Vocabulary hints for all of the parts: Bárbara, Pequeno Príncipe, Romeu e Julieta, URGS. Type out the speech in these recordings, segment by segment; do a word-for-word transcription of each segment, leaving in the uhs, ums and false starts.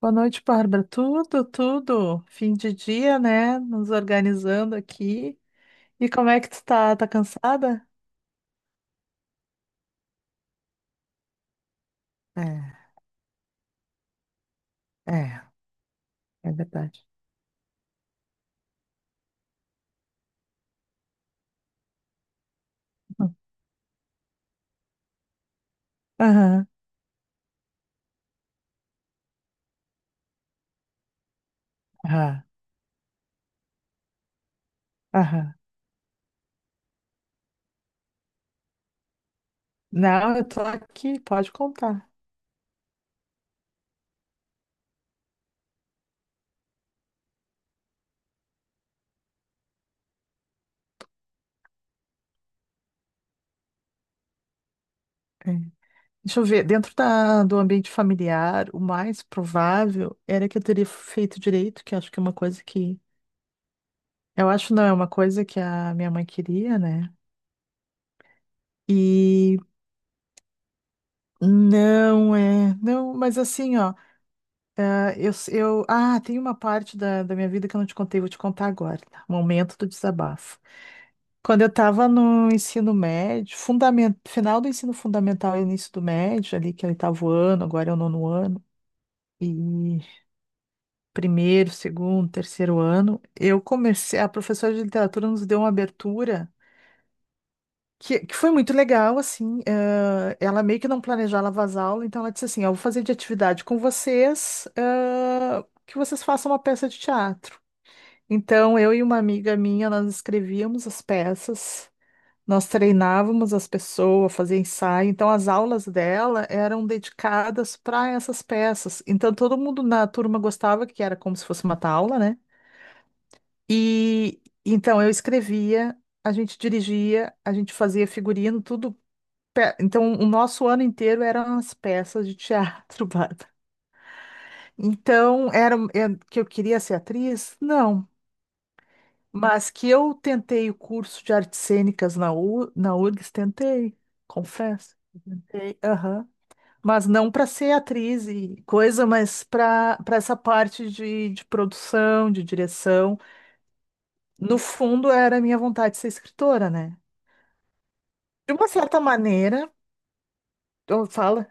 Boa noite, Bárbara. Tudo, tudo. Fim de dia, né? Nos organizando aqui. E como é que tu tá? Tá cansada? É, é, É verdade. Hum. Aham, aham, aham. Não, eu tô aqui, pode contar. É. Deixa eu ver, dentro da, do ambiente familiar, o mais provável era que eu teria feito direito, que eu acho que é uma coisa que. Eu acho não, é uma coisa que a minha mãe queria, né? E não é. Não, mas assim, ó. Ah, eu, eu, ah, tem uma parte da, da minha vida que eu não te contei, vou te contar agora, tá? Momento do desabafo. Quando eu estava no ensino médio, fundament, final do ensino fundamental e início do médio, ali que é o oitavo ano, agora é o nono ano, e primeiro, segundo, terceiro ano, eu comecei, a professora de literatura nos deu uma abertura que, que foi muito legal, assim, ah, ela meio que não planejava as aulas, então ela disse assim, ó, eu vou fazer de atividade com vocês, ah, que vocês façam uma peça de teatro. Então, eu e uma amiga minha, nós escrevíamos as peças, nós treinávamos as pessoas a fazer ensaio. Então, as aulas dela eram dedicadas para essas peças. Então, todo mundo na turma gostava, que era como se fosse uma aula, né? E então, eu escrevia, a gente dirigia, a gente fazia figurino, tudo. pe- Então, o nosso ano inteiro eram as peças de teatro, Bárbara. Então, era é, que eu queria ser atriz? Não. Mas que eu tentei o curso de artes cênicas na, U, na U R G S, tentei, confesso, tentei, aham. Mas não para ser atriz e coisa, mas para para essa parte de, de produção, de direção. No fundo, era a minha vontade de ser escritora, né? De uma certa maneira, eu falo,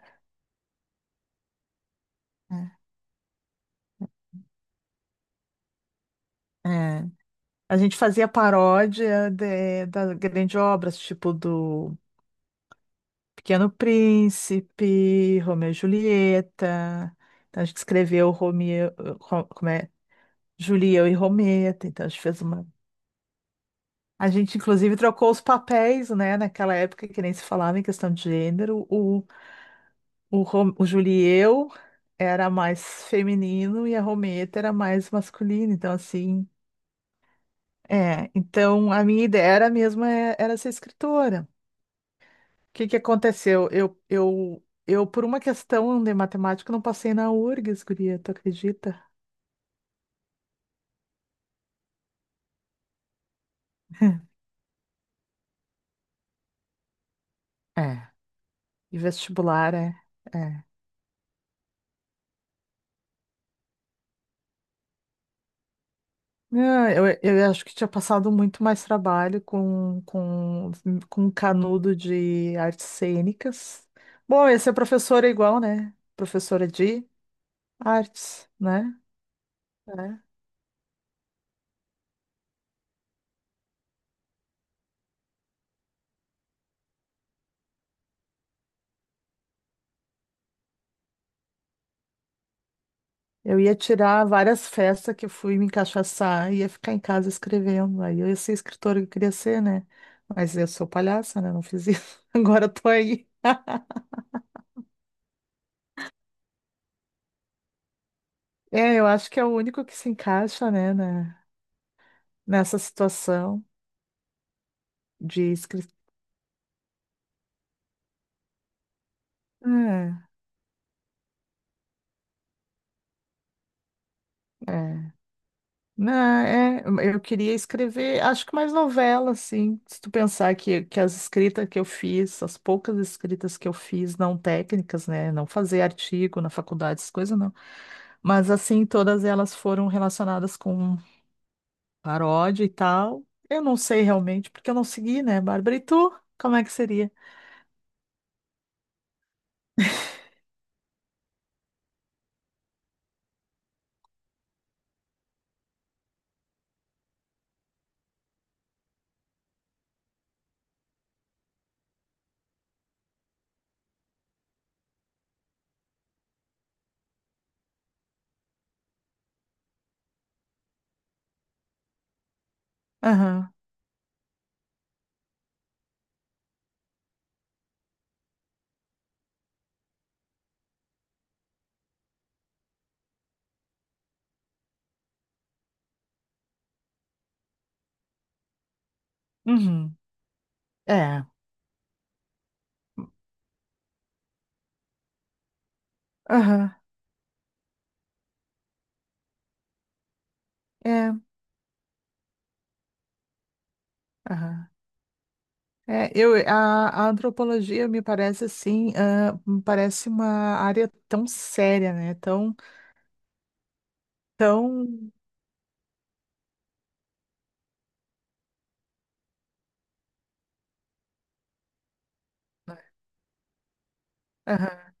é, é, a gente fazia paródia de- das grandes obras, tipo do Pequeno Príncipe, Romeu e Julieta. Então a gente escreveu Romeu, Ro- como é? Julieu e Rometa. Então a gente fez uma. A gente, inclusive, trocou os papéis, né? Naquela época que nem se falava em questão de gênero. O, o, Ro- o Julieu era mais feminino e a Rometa era mais masculina. Então, assim. É, então a minha ideia era mesmo é- era ser escritora. que que aconteceu? Eu, eu, eu, por uma questão de matemática, não passei na U R G S, guria, tu acredita? É, e vestibular, é, é. Não, eu, eu acho que tinha passado muito mais trabalho com, com, com canudo de artes cênicas. Bom, ia ser professora igual, né? Professora de artes, né? Eu ia tirar várias festas que eu fui me encaixaçar, ia ficar em casa escrevendo. Aí eu ia ser escritora que eu queria ser, né? Mas eu sou palhaça, né? Não fiz isso. Agora tô aí. É, eu acho que é o único que se encaixa, né, na- nessa situação de escrita. É, É. Não, é, eu queria escrever, acho que mais novela, assim. Se tu pensar que, que as escritas que eu fiz, as poucas escritas que eu fiz, não técnicas, né? Não fazer artigo na faculdade, essas coisas, não. Mas assim, todas elas foram relacionadas com paródia e tal. Eu não sei realmente, porque eu não segui, né, Bárbara? E tu? Como é que seria? Aham. Uhum. É. Aham. É. Aham. É, eu, a, a antropologia me parece assim, ah, me parece uma área tão séria, né? Tão, tão. Aham.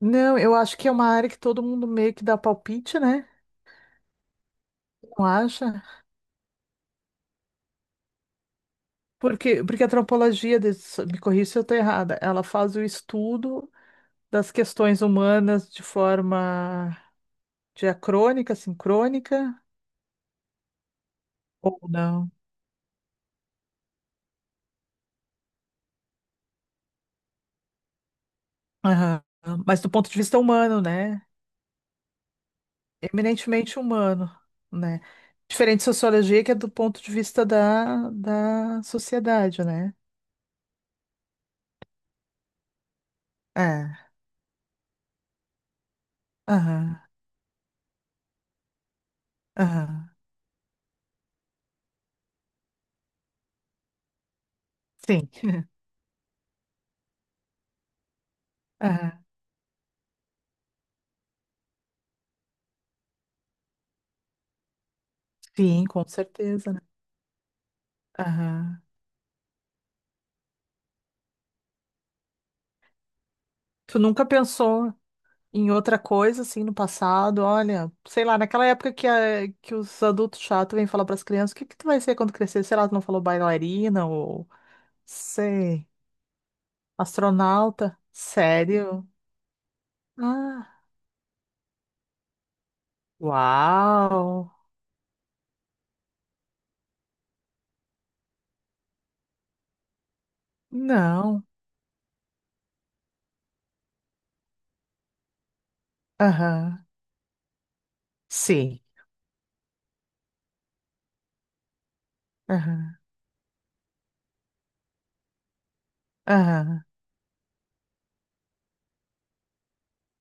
Não, eu acho que é uma área que todo mundo meio que dá palpite, né? Não acha? Porque, porque a antropologia, des- me corrija se eu estou errada, ela faz o estudo das questões humanas de forma diacrônica, sincrônica, ou não. Aham. Mas do ponto de vista humano, né? Eminentemente humano, né? Diferente de sociologia, que é do ponto de vista da, da sociedade, né? É. Aham. Aham. Sim. Aham. Sim, com certeza, né? Aham. Tu nunca pensou em outra coisa, assim, no passado, olha, sei lá, naquela época que, a- que os adultos chatos vêm falar para as crianças, o que que tu vai ser quando crescer? Sei lá, tu não falou bailarina ou, sei, astronauta? Sério? Ah, uau! Não. Aham. Sim. Aham. Aham.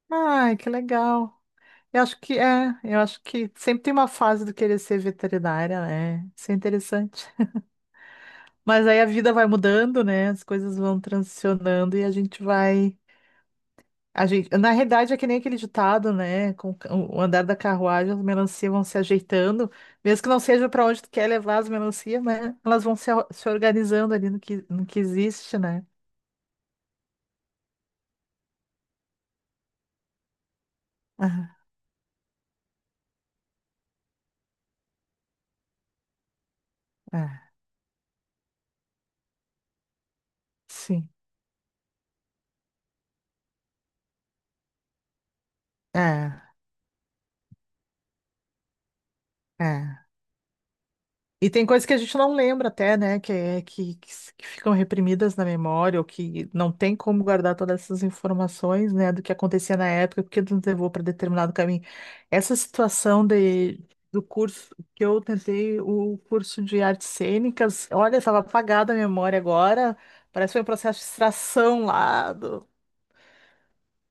Ai, que legal. Eu acho que é, eu acho que sempre tem uma fase do querer ser veterinária, né? Isso é interessante. Mas aí a vida vai mudando, né? As coisas vão transicionando e a gente vai. A gente... Na realidade, é que nem aquele ditado, né? Com o ca- o andar da carruagem, as melancias vão se ajeitando, mesmo que não seja para onde tu quer levar as melancias, mas elas vão se, or- se organizando ali no que, no que existe, né? Ah, ah, sim. É, É. E tem coisas que a gente não lembra até, né? Que, é- que, que, s- Que ficam reprimidas na memória, ou que não tem como guardar todas essas informações, né? Do que acontecia na época, porque nos levou para determinado caminho. Essa situação de, do curso que eu tentei, o curso de artes cênicas, olha, estava apagada a memória agora. Parece que foi um processo de extração lá do.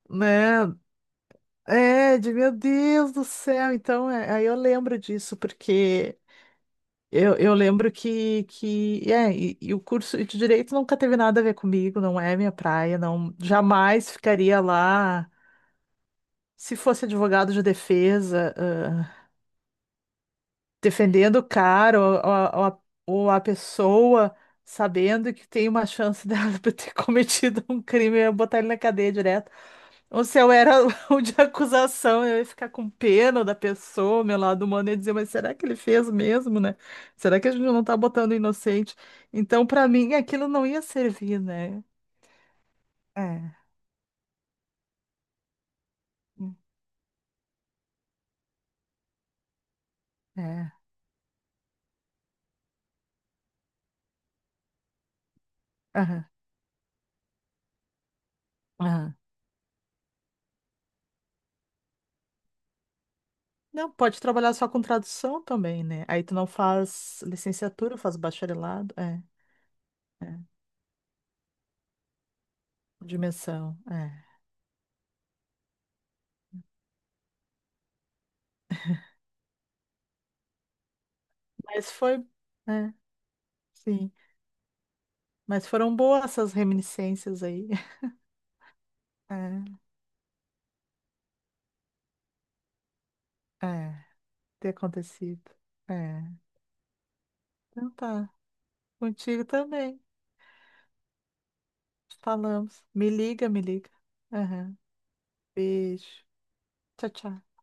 Né? É, de meu Deus do céu. Então, é, aí eu lembro disso, porque eu, eu lembro que, que é, e, e o curso de direito nunca teve nada a ver comigo, não é minha praia, não jamais ficaria lá se fosse advogado de defesa, ah, defendendo o cara ou, ou- ou a, ou a pessoa sabendo que tem uma chance dela por ter cometido um crime e eu botar ele na cadeia direto. Ou se eu era o de acusação, eu ia ficar com pena da pessoa, meu lado humano ia dizer, mas será que ele fez mesmo, né? Será que a gente não tá botando inocente? Então, para mim, aquilo não ia servir, né? É, é, aham, aham. Não, pode trabalhar só com tradução também, né? Aí tu não faz licenciatura, faz bacharelado, é, é, dimensão, é. Mas foi, é, sim. Mas foram boas essas reminiscências aí. É, É, ter acontecido. É. Então tá. Contigo também. Falamos. Me liga, me liga. Aham. Beijo. Tchau, tchau.